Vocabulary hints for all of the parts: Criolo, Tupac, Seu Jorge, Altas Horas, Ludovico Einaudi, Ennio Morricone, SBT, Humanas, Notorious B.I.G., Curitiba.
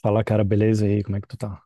Fala, cara, beleza? E aí, como é que tu tá?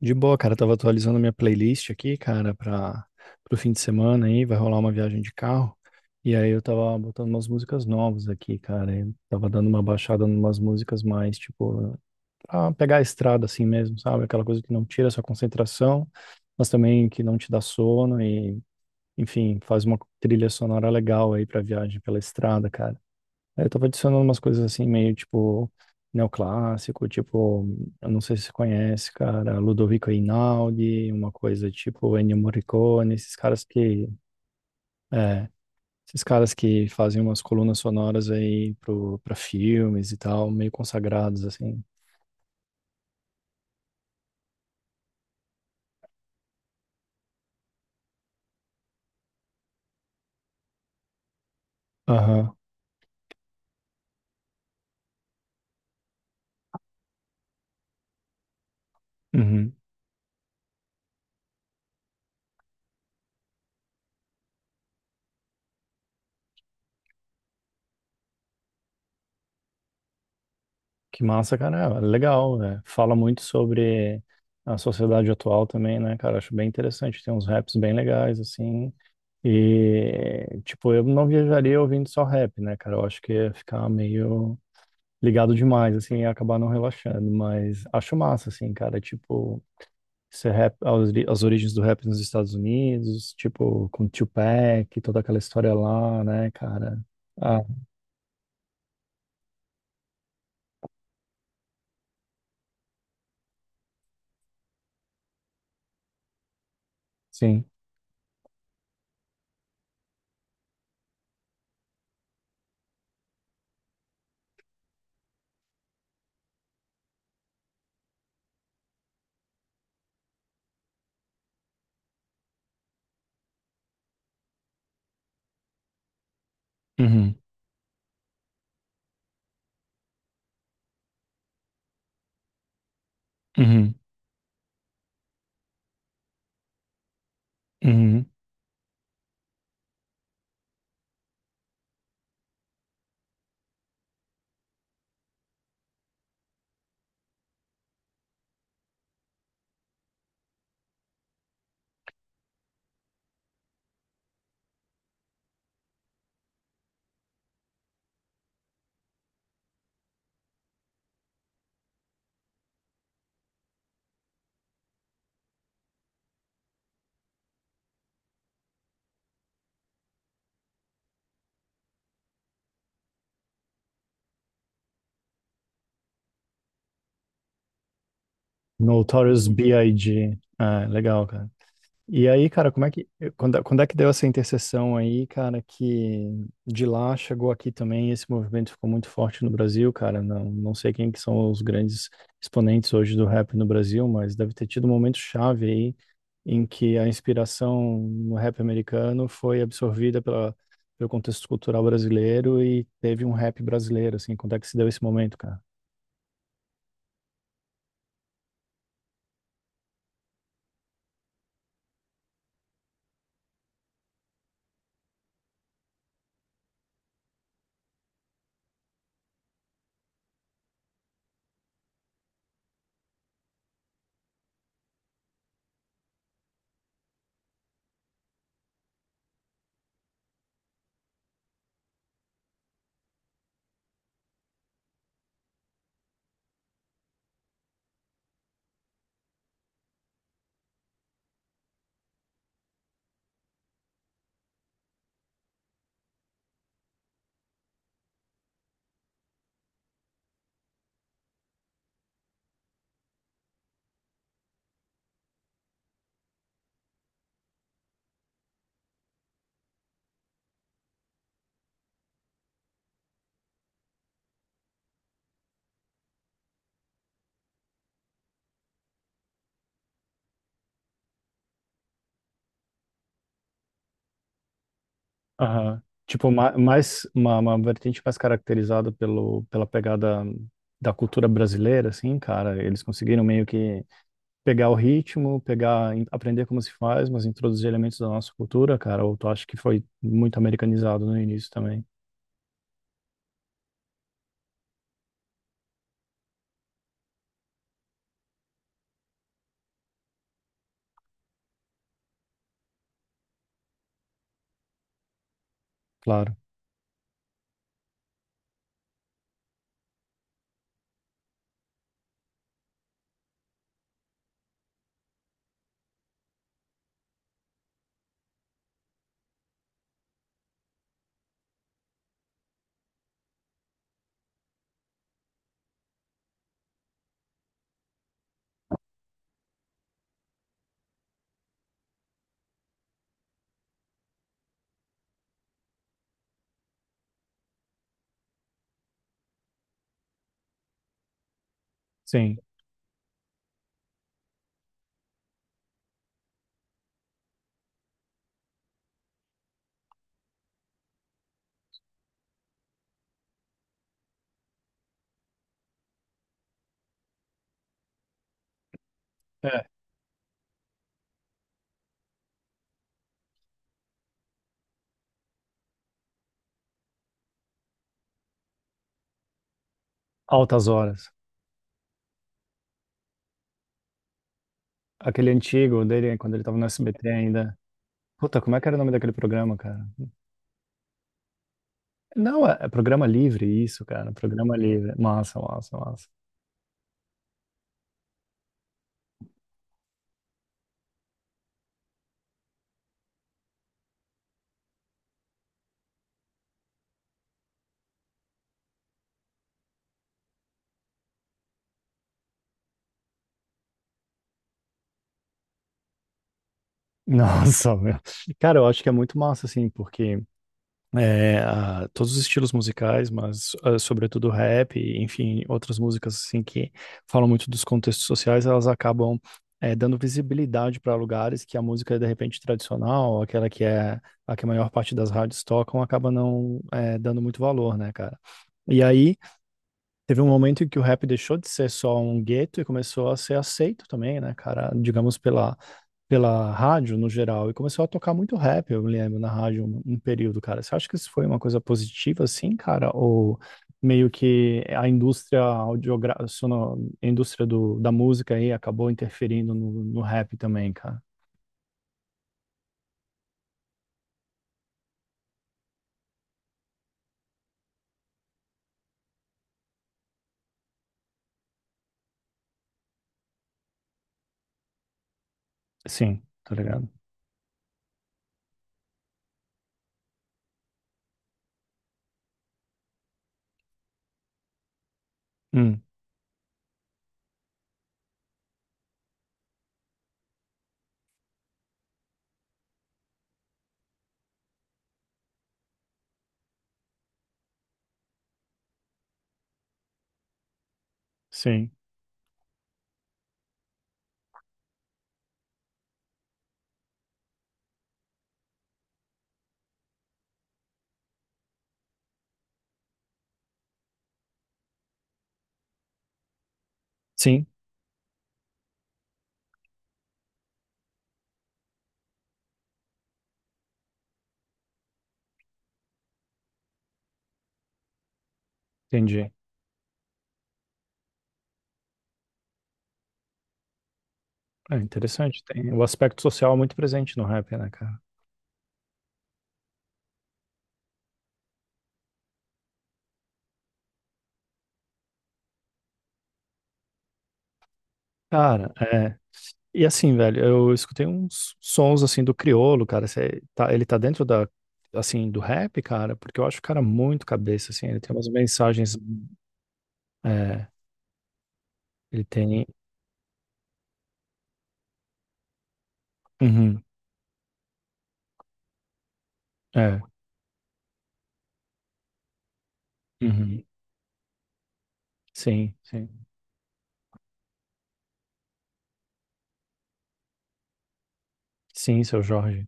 De boa, cara, tava atualizando minha playlist aqui, cara, para pro fim de semana aí, vai rolar uma viagem de carro. E aí eu tava botando umas músicas novas aqui, cara. Eu tava dando uma baixada numas músicas mais, tipo, pra pegar a estrada assim mesmo, sabe? Aquela coisa que não tira a sua concentração, mas também que não te dá sono e, enfim, faz uma trilha sonora legal aí pra viagem pela estrada, cara. Aí eu tava adicionando umas coisas assim, meio tipo neoclássico, tipo, eu não sei se você conhece, cara, Ludovico Einaudi, uma coisa tipo Ennio Morricone, esses caras que, é, esses caras que fazem umas colunas sonoras aí pra filmes e tal, meio consagrados assim. Aham. Uhum. Que massa, cara, é legal, né? Fala muito sobre a sociedade atual também, né, cara? Acho bem interessante, tem uns raps bem legais assim. E, tipo, eu não viajaria ouvindo só rap, né, cara? Eu acho que ia ficar meio ligado demais, assim, e acabar não relaxando. Mas acho massa, assim, cara. Tipo, esse rap, as origens do rap nos Estados Unidos, tipo, com Tupac, toda aquela história lá, né, cara? Ah, sim. Uhum, uhum, uhum. Notorious B.I.G. Ah, legal, cara. E aí, cara, como é que quando é que deu essa interseção aí, cara, que de lá chegou aqui também, esse movimento ficou muito forte no Brasil, cara. Não, não sei quem que são os grandes exponentes hoje do rap no Brasil, mas deve ter tido um momento chave aí em que a inspiração no rap americano foi absorvida pela, pelo contexto cultural brasileiro e teve um rap brasileiro, assim. Quando é que se deu esse momento, cara? Aham. Tipo, mais uma vertente mais caracterizada pelo, pela pegada da cultura brasileira, assim, cara. Eles conseguiram meio que pegar o ritmo, pegar, aprender como se faz, mas introduzir elementos da nossa cultura, cara. Ou tu acha que foi muito americanizado no início também? Claro. Sim. É. Altas Horas. Aquele antigo dele, quando ele tava no SBT ainda. Puta, como é que era o nome daquele programa, cara? Não, é programa livre, isso, cara. Programa livre. Massa, massa, massa. Nossa, meu. Cara, eu acho que é muito massa, assim, porque é, todos os estilos musicais, mas ah, sobretudo rap, e, enfim, outras músicas, assim, que falam muito dos contextos sociais, elas acabam é, dando visibilidade para lugares que a música, é, de repente, tradicional, aquela que é a que a maior parte das rádios tocam, acaba não é, dando muito valor, né, cara? E aí, teve um momento em que o rap deixou de ser só um gueto e começou a ser aceito também, né, cara? Digamos pela, pela rádio no geral. E começou a tocar muito rap, eu me lembro, na rádio um período, cara. Você acha que isso foi uma coisa positiva, assim, cara? Ou meio que a indústria audiogra... a indústria do, da música aí acabou interferindo no, no rap também, cara? Sim, tá ligado? Hum, sim, sim, entendi. É interessante, tem o aspecto social é muito presente no rap, né, cara? Cara, é. E assim, velho, eu escutei uns sons assim do Criolo, cara. Ele tá dentro da, assim, do rap, cara, porque eu acho o cara muito cabeça, assim. Ele tem umas mensagens. É, ele tem. Uhum, é, uhum, sim, sim. Sim, seu Jorge.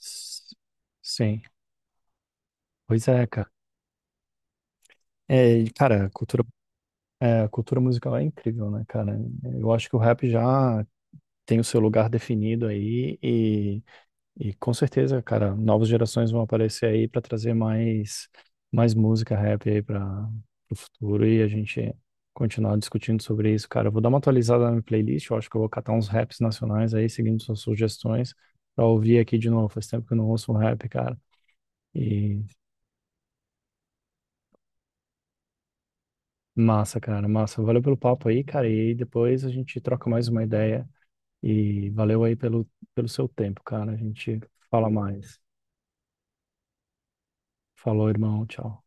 S- Sim. Pois é, cara. É, e, cara, a cultura, é, a cultura musical é incrível, né, cara? Eu acho que o rap já tem o seu lugar definido aí. E com certeza, cara, novas gerações vão aparecer aí para trazer mais mais música rap aí para o futuro e a gente continuar discutindo sobre isso, cara. Eu vou dar uma atualizada na minha playlist, eu acho que eu vou catar uns raps nacionais aí, seguindo suas sugestões, para ouvir aqui de novo. Faz tempo que eu não ouço um rap, cara. E massa, cara, massa. Valeu pelo papo aí, cara, e depois a gente troca mais uma ideia e valeu aí pelo pelo seu tempo, cara. A gente fala mais. Falou, irmão, tchau.